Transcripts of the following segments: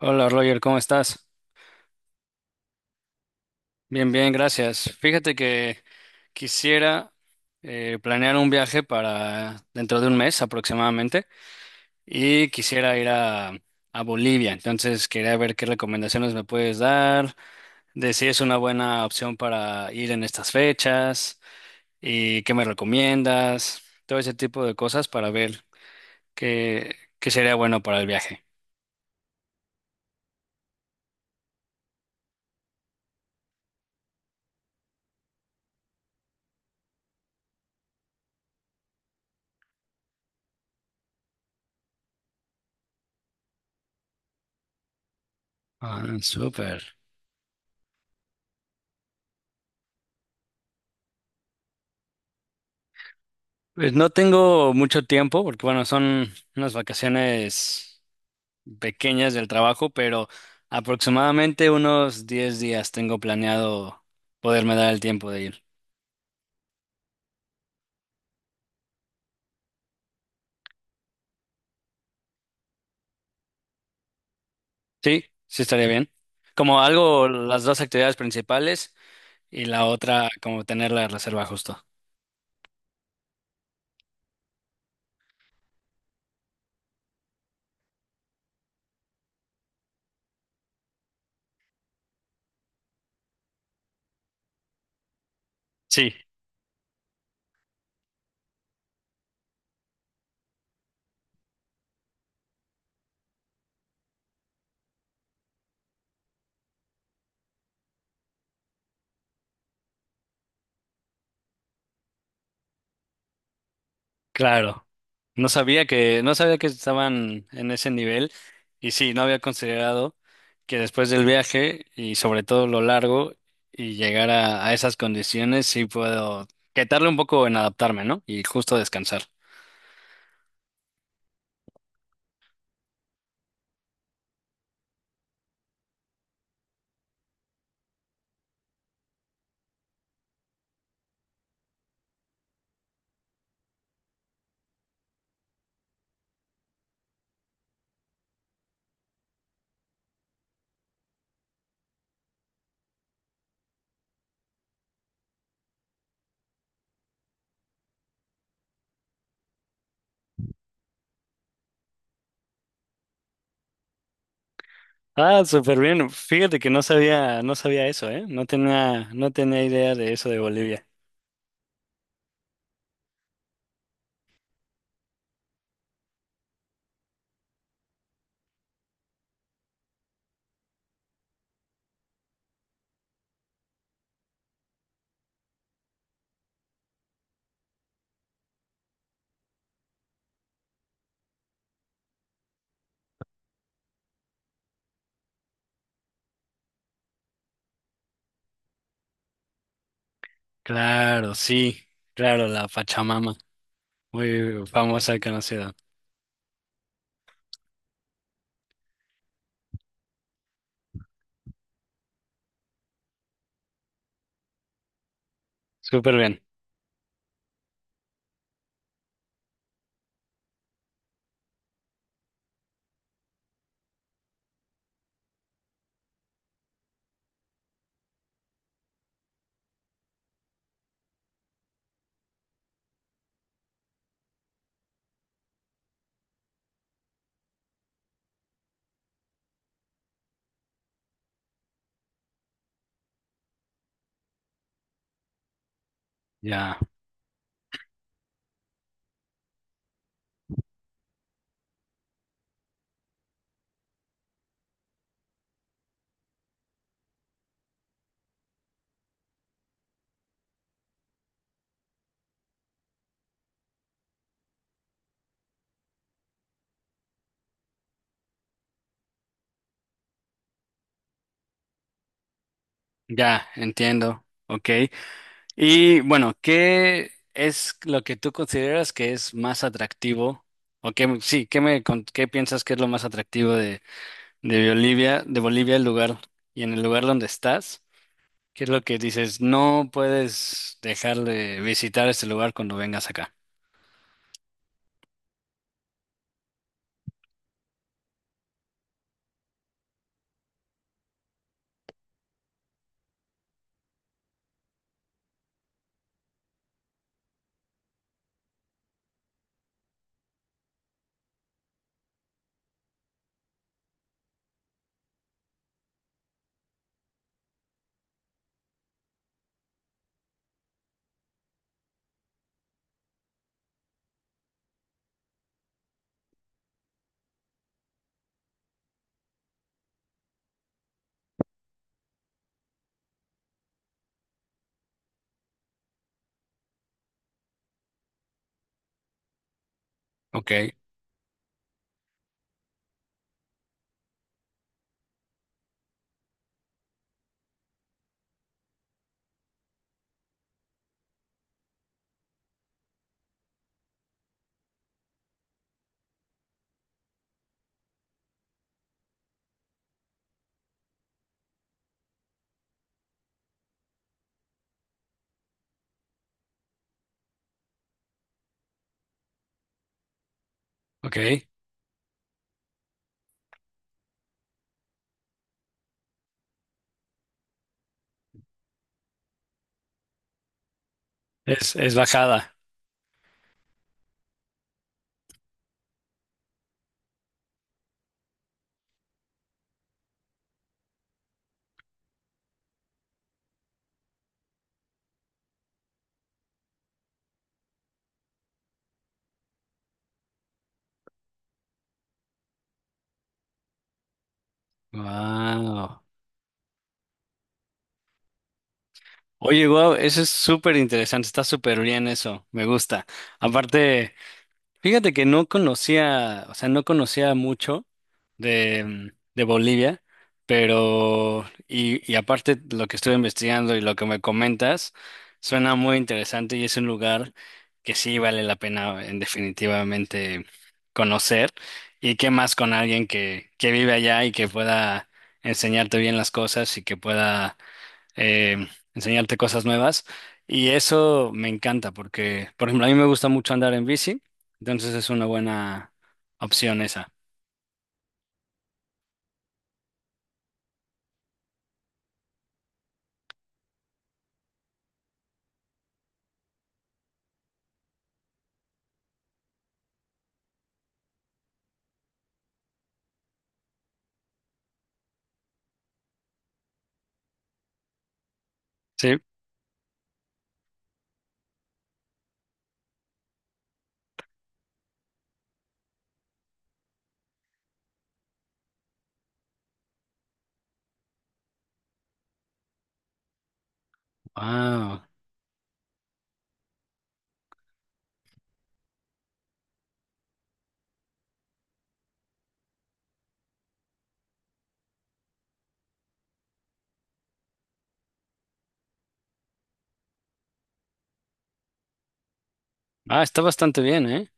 Hola Roger, ¿cómo estás? Bien, bien, gracias. Fíjate que quisiera planear un viaje para dentro de un mes aproximadamente y quisiera a Bolivia. Entonces quería ver qué recomendaciones me puedes dar, de si es una buena opción para ir en estas fechas y qué me recomiendas, todo ese tipo de cosas para ver qué sería bueno para el viaje. Ah, súper. Pues no tengo mucho tiempo porque, bueno, son unas vacaciones pequeñas del trabajo, pero aproximadamente unos 10 días tengo planeado poderme dar el tiempo de ir. Sí, sí estaría bien. Como algo, las dos actividades principales y la otra, como tener la reserva justo. Sí, claro. No sabía que estaban en ese nivel y sí, no había considerado que después del viaje y sobre todo lo largo y a esas condiciones sí puedo quitarle un poco en adaptarme, ¿no? Y justo descansar. Ah, súper bien. Fíjate que no sabía eso, ¿eh? No tenía idea de eso de Bolivia. Claro, sí, claro, la Pachamama, muy famosa y conocida. Súper bien. Ya, ya, entiendo. Ok. Y bueno, ¿qué es lo que tú consideras que es más atractivo? O qué, sí, ¿qué piensas que es lo más atractivo de Bolivia, el lugar y en el lugar donde estás? ¿Qué es lo que dices? No puedes dejar de visitar este lugar cuando vengas acá. Ok, ok. Es bajada. Wow. Oye, wow, eso es súper interesante, está súper bien eso, me gusta. Aparte. Fíjate que o sea, no conocía mucho de, mm, de Bolivia, pero, y aparte lo que estuve investigando y lo que me comentas, suena muy interesante y es un lugar que sí vale la pena en definitivamente conocer. Y qué más con alguien que vive allá y que pueda enseñarte bien las cosas y que pueda eh, enseñarte cosas nuevas. Y eso me encanta porque, por ejemplo, a mí me gusta mucho andar en bici, entonces es una buena opción esa. Sí. Wow. Ah, está bastante bien, ¿eh?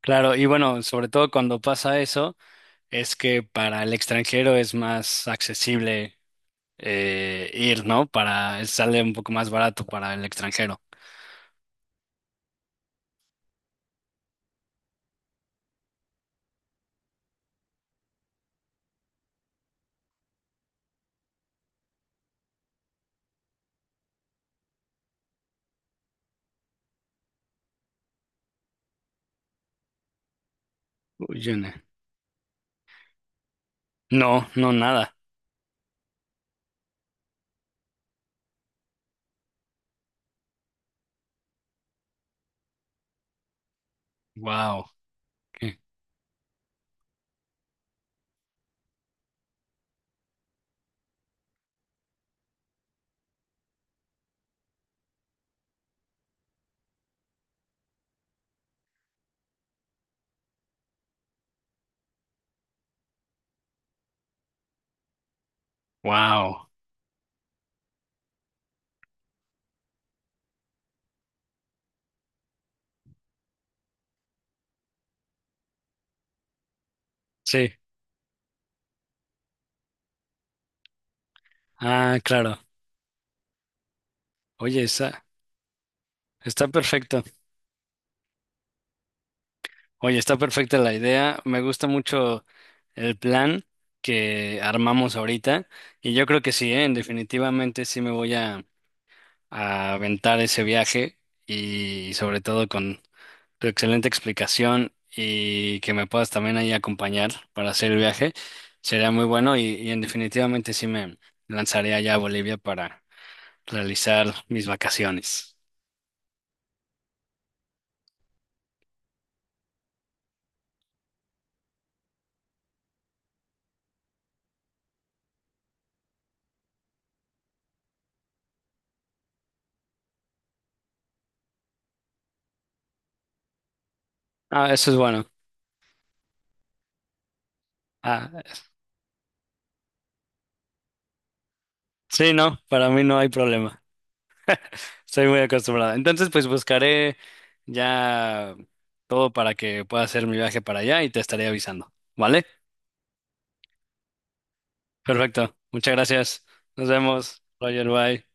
Claro, y bueno, sobre todo cuando pasa eso, es que para el extranjero es más accesible ir, ¿no? Para, sale un poco más barato para el extranjero. Uy, yo no, no, no, nada. Wow. Wow. Sí. Ah, claro. Oye, esa- Está perfecto. Oye, está perfecta la idea. Me gusta mucho el plan que armamos ahorita. Y yo creo que sí, ¿eh? Definitivamente sí a aventar ese viaje y sobre todo con tu excelente explicación y que me puedas también ahí acompañar para hacer el viaje. Sería muy bueno y en definitivamente sí me lanzaré allá a Bolivia realizar mis vacaciones. Ah, eso es bueno. Ah, sí, no, para mí no hay problema. Estoy muy acostumbrada. Entonces, pues buscaré ya todo para que pueda hacer mi viaje para allá y te estaré avisando. ¿Vale? Perfecto. Muchas gracias. Nos vemos. Roger, bye.